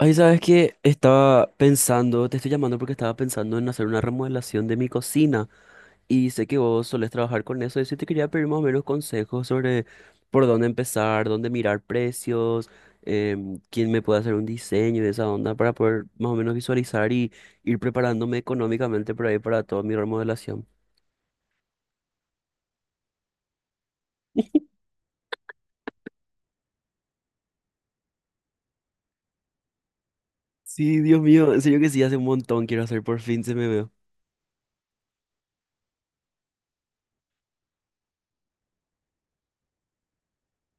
Ay, sabes que estaba pensando, te estoy llamando porque estaba pensando en hacer una remodelación de mi cocina y sé que vos solés trabajar con eso y sí te quería pedir más o menos consejos sobre por dónde empezar, dónde mirar precios, quién me puede hacer un diseño de esa onda para poder más o menos visualizar y ir preparándome económicamente por ahí para toda mi remodelación. Sí, Dios mío, en serio que sí, hace un montón quiero hacer, por fin se me veo.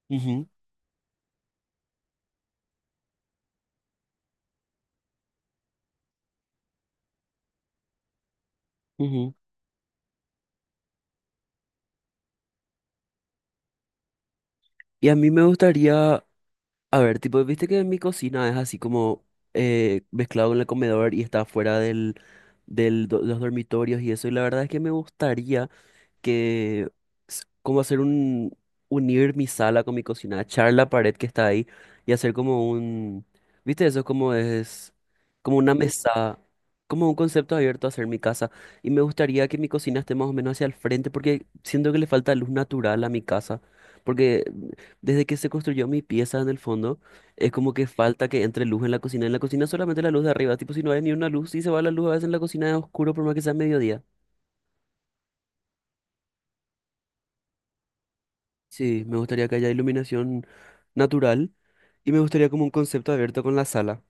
Ujú, ujú. Y a mí me gustaría. A ver, tipo, viste que mi cocina es así como mezclado con el comedor y está fuera del los dormitorios y eso. Y la verdad es que me gustaría, que como hacer un unir mi sala con mi cocina, echar la pared que está ahí y hacer como un, ¿viste? Eso es como una mesa, como un concepto abierto a hacer mi casa y me gustaría que mi cocina esté más o menos hacia el frente porque siento que le falta luz natural a mi casa. Porque desde que se construyó mi pieza en el fondo, es como que falta que entre luz en la cocina. En la cocina solamente la luz de arriba. Tipo, si no hay ni una luz, si se va la luz a veces en la cocina es oscuro por más que sea mediodía. Sí, me gustaría que haya iluminación natural y me gustaría como un concepto abierto con la sala.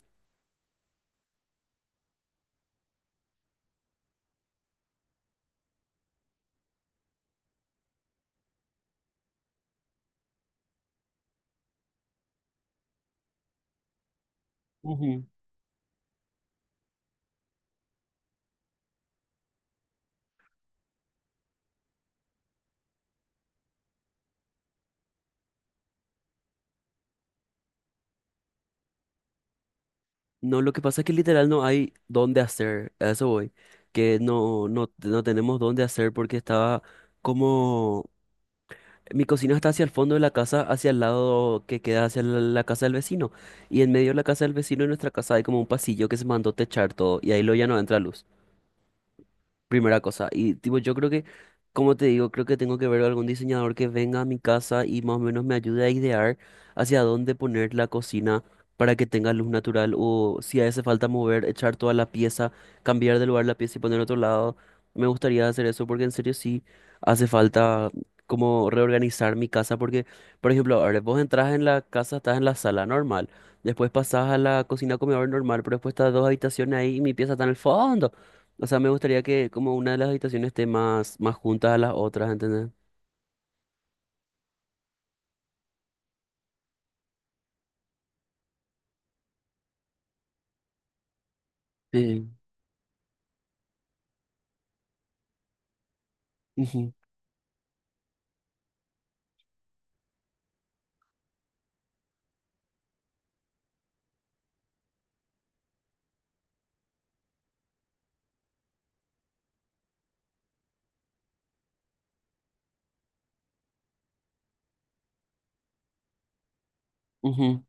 Ujú. No, lo que pasa es que literal no hay dónde hacer, a eso voy, que no, no, no tenemos dónde hacer porque estaba como, mi cocina está hacia el fondo de la casa, hacia el lado que queda hacia la casa del vecino, y en medio de la casa del vecino y nuestra casa hay como un pasillo que se mandó techar todo, y ahí lo ya no entra luz. Primera cosa, y tipo, yo creo que, como te digo, creo que tengo que ver algún diseñador que venga a mi casa y más o menos me ayude a idear hacia dónde poner la cocina para que tenga luz natural o si hace falta mover, echar toda la pieza, cambiar de lugar la pieza y poner otro lado. Me gustaría hacer eso porque en serio sí hace falta como reorganizar mi casa porque, por ejemplo, ahora vos entras en la casa, estás en la sala normal, después pasás a la cocina comedor normal, pero después estás dos habitaciones ahí y mi pieza está en el fondo. O sea, me gustaría que como una de las habitaciones esté más, más juntas a las otras, ¿entendés? Sí, ujú, ujú,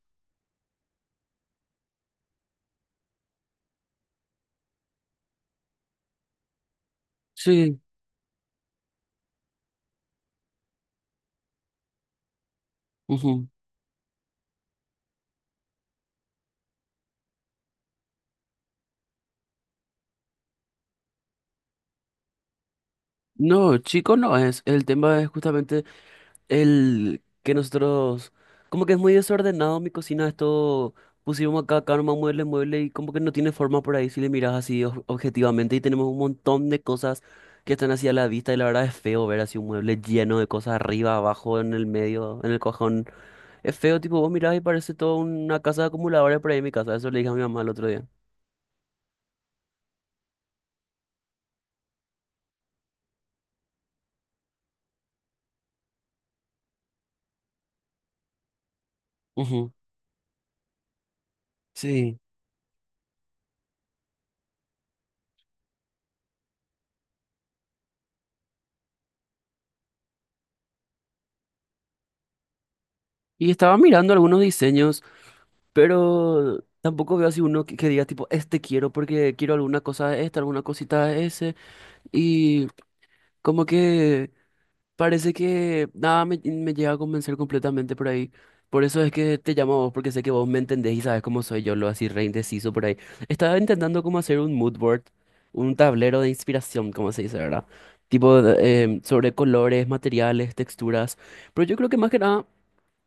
sí, ujú. No, chico, no es. El tema es justamente el que nosotros, como que es muy desordenado mi cocina, esto pusimos acá, acá nomás mueble, mueble y como que no tiene forma por ahí si le miras así objetivamente y tenemos un montón de cosas que están así a la vista y la verdad es feo ver así un mueble lleno de cosas arriba, abajo, en el medio, en el cajón. Es feo, tipo, vos mirás y parece toda una casa de acumuladores por ahí en mi casa. Eso le dije a mi mamá el otro día. Ujú, sí. Y estaba mirando algunos diseños, pero tampoco veo así uno que diga tipo, este quiero porque quiero alguna cosa de esta, alguna cosita de ese. Y como que parece que nada me llega a convencer completamente por ahí. Por eso es que te llamo a vos, porque sé que vos me entendés y sabes cómo soy yo, lo así re indeciso por ahí. Estaba intentando como hacer un mood board, un tablero de inspiración, como se dice, ¿verdad? Tipo de, sobre colores, materiales, texturas. Pero yo creo que más que nada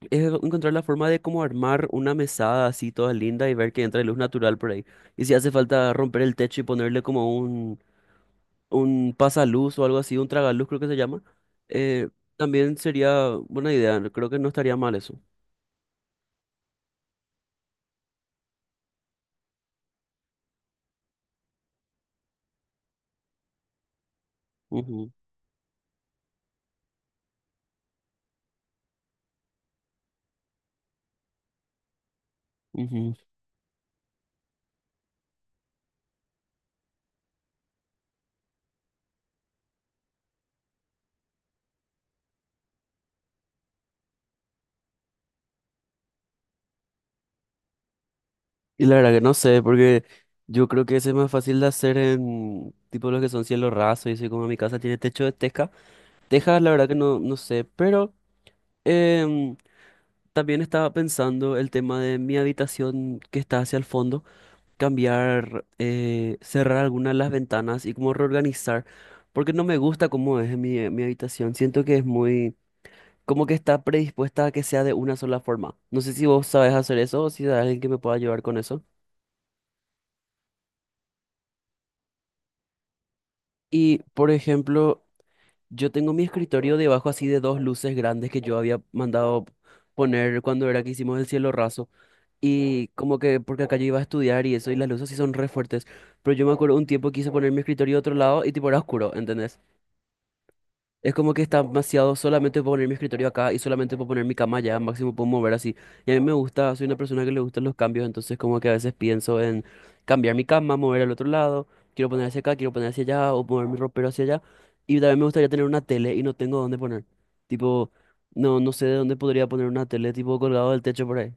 es encontrar la forma de cómo armar una mesada así toda linda y ver que entra luz natural por ahí. Y si hace falta romper el techo y ponerle como un pasaluz o algo así, un tragaluz creo que se llama, eh, también sería buena idea, creo que no estaría mal eso. Ujú, ujú. Y la verdad que no sé, porque yo creo que ese es más fácil de hacer en tipo los que son cielo raso y así como mi casa tiene techo de teja. Teja, la verdad que no, no sé, pero em, también estaba pensando el tema de mi habitación que está hacia el fondo. Cambiar, cerrar algunas de las ventanas y como reorganizar, porque no me gusta cómo es mi habitación. Siento que es muy, como que está predispuesta a que sea de una sola forma. No sé si vos sabes hacer eso o si hay alguien que me pueda ayudar con eso. Y, por ejemplo, yo tengo mi escritorio debajo así de dos luces grandes que yo había mandado poner cuando era que hicimos el cielo raso. Y como que, porque acá yo iba a estudiar y eso, y las luces sí son re fuertes. Pero yo me acuerdo un tiempo quise poner mi escritorio a otro lado y tipo era oscuro, ¿entendés? Es como que está demasiado solamente puedo poner mi escritorio acá y solamente puedo poner mi cama allá, máximo puedo mover así. Y a mí me gusta, soy una persona que le gustan los cambios, entonces como que a veces pienso en cambiar mi cama, mover al otro lado, quiero poner hacia acá, quiero poner hacia allá o mover mi ropero hacia allá. Y también me gustaría tener una tele y no tengo dónde poner. Tipo, no, no sé de dónde podría poner una tele, tipo colgado del techo por ahí.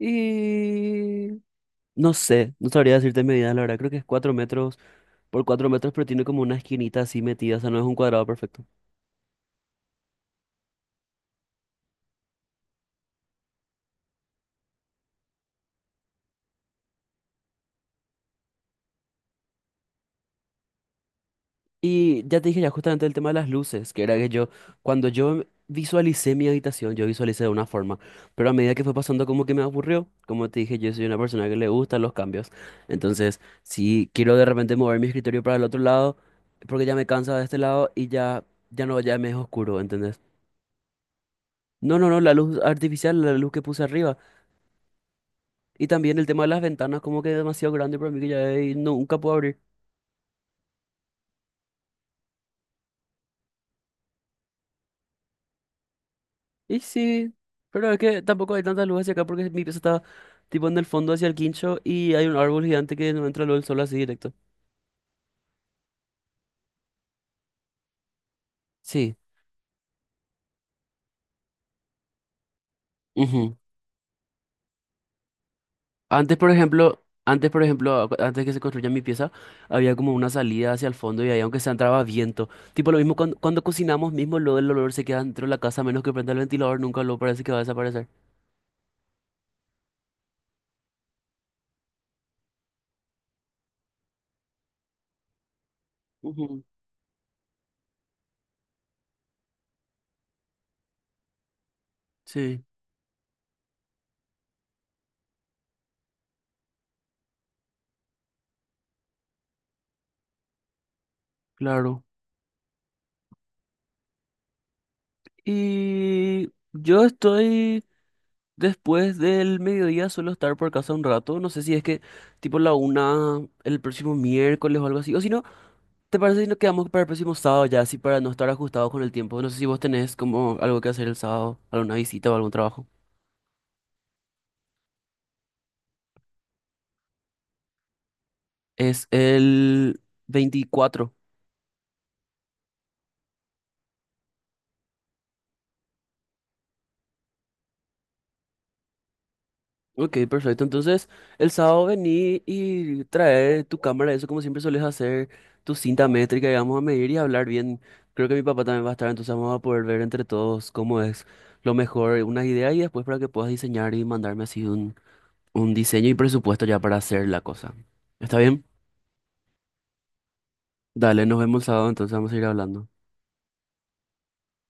Y no sé, no sabría decirte medidas, la verdad. Creo que es 4 metros por 4 metros, pero tiene como una esquinita así metida, o sea, no es un cuadrado perfecto. Y ya te dije ya justamente el tema de las luces, que era que yo, cuando yo visualicé mi habitación, yo visualicé de una forma, pero a medida que fue pasando como que me aburrió, como te dije, yo soy una persona que le gustan los cambios, entonces si quiero de repente mover mi escritorio para el otro lado, porque ya me cansa de este lado y ya, ya no, ya me es oscuro, ¿entendés? No, no, no, la luz artificial, la luz que puse arriba, y también el tema de las ventanas como que es demasiado grande para mí que ya nunca puedo abrir. Y sí, pero es que tampoco hay tantas luces hacia acá porque mi pieza está tipo en el fondo hacia el quincho y hay un árbol gigante que no entra luz del sol así directo. Sí. Ujú. Antes, por ejemplo, antes que se construya mi pieza, había como una salida hacia el fondo y ahí aunque se entraba viento. Tipo lo mismo cuando cocinamos mismo, lo del olor se queda dentro de la casa, a menos que prenda el ventilador, nunca lo parece que va a desaparecer. Ujú, sí, claro. Y yo estoy. Después del mediodía suelo estar por casa un rato. No sé si es que tipo la una el próximo miércoles o algo así. O si no, ¿te parece si nos quedamos para el próximo sábado ya? Así para no estar ajustados con el tiempo. No sé si vos tenés como algo que hacer el sábado, alguna visita o algún trabajo. Es el 24. Ok, perfecto. Entonces, el sábado vení y trae tu cámara, eso como siempre sueles hacer, tu cinta métrica y vamos a medir y hablar bien. Creo que mi papá también va a estar, entonces vamos a poder ver entre todos cómo es lo mejor, unas ideas y después para que puedas diseñar y mandarme así un diseño y presupuesto ya para hacer la cosa. ¿Está bien? Dale, nos vemos el sábado, entonces vamos a ir hablando.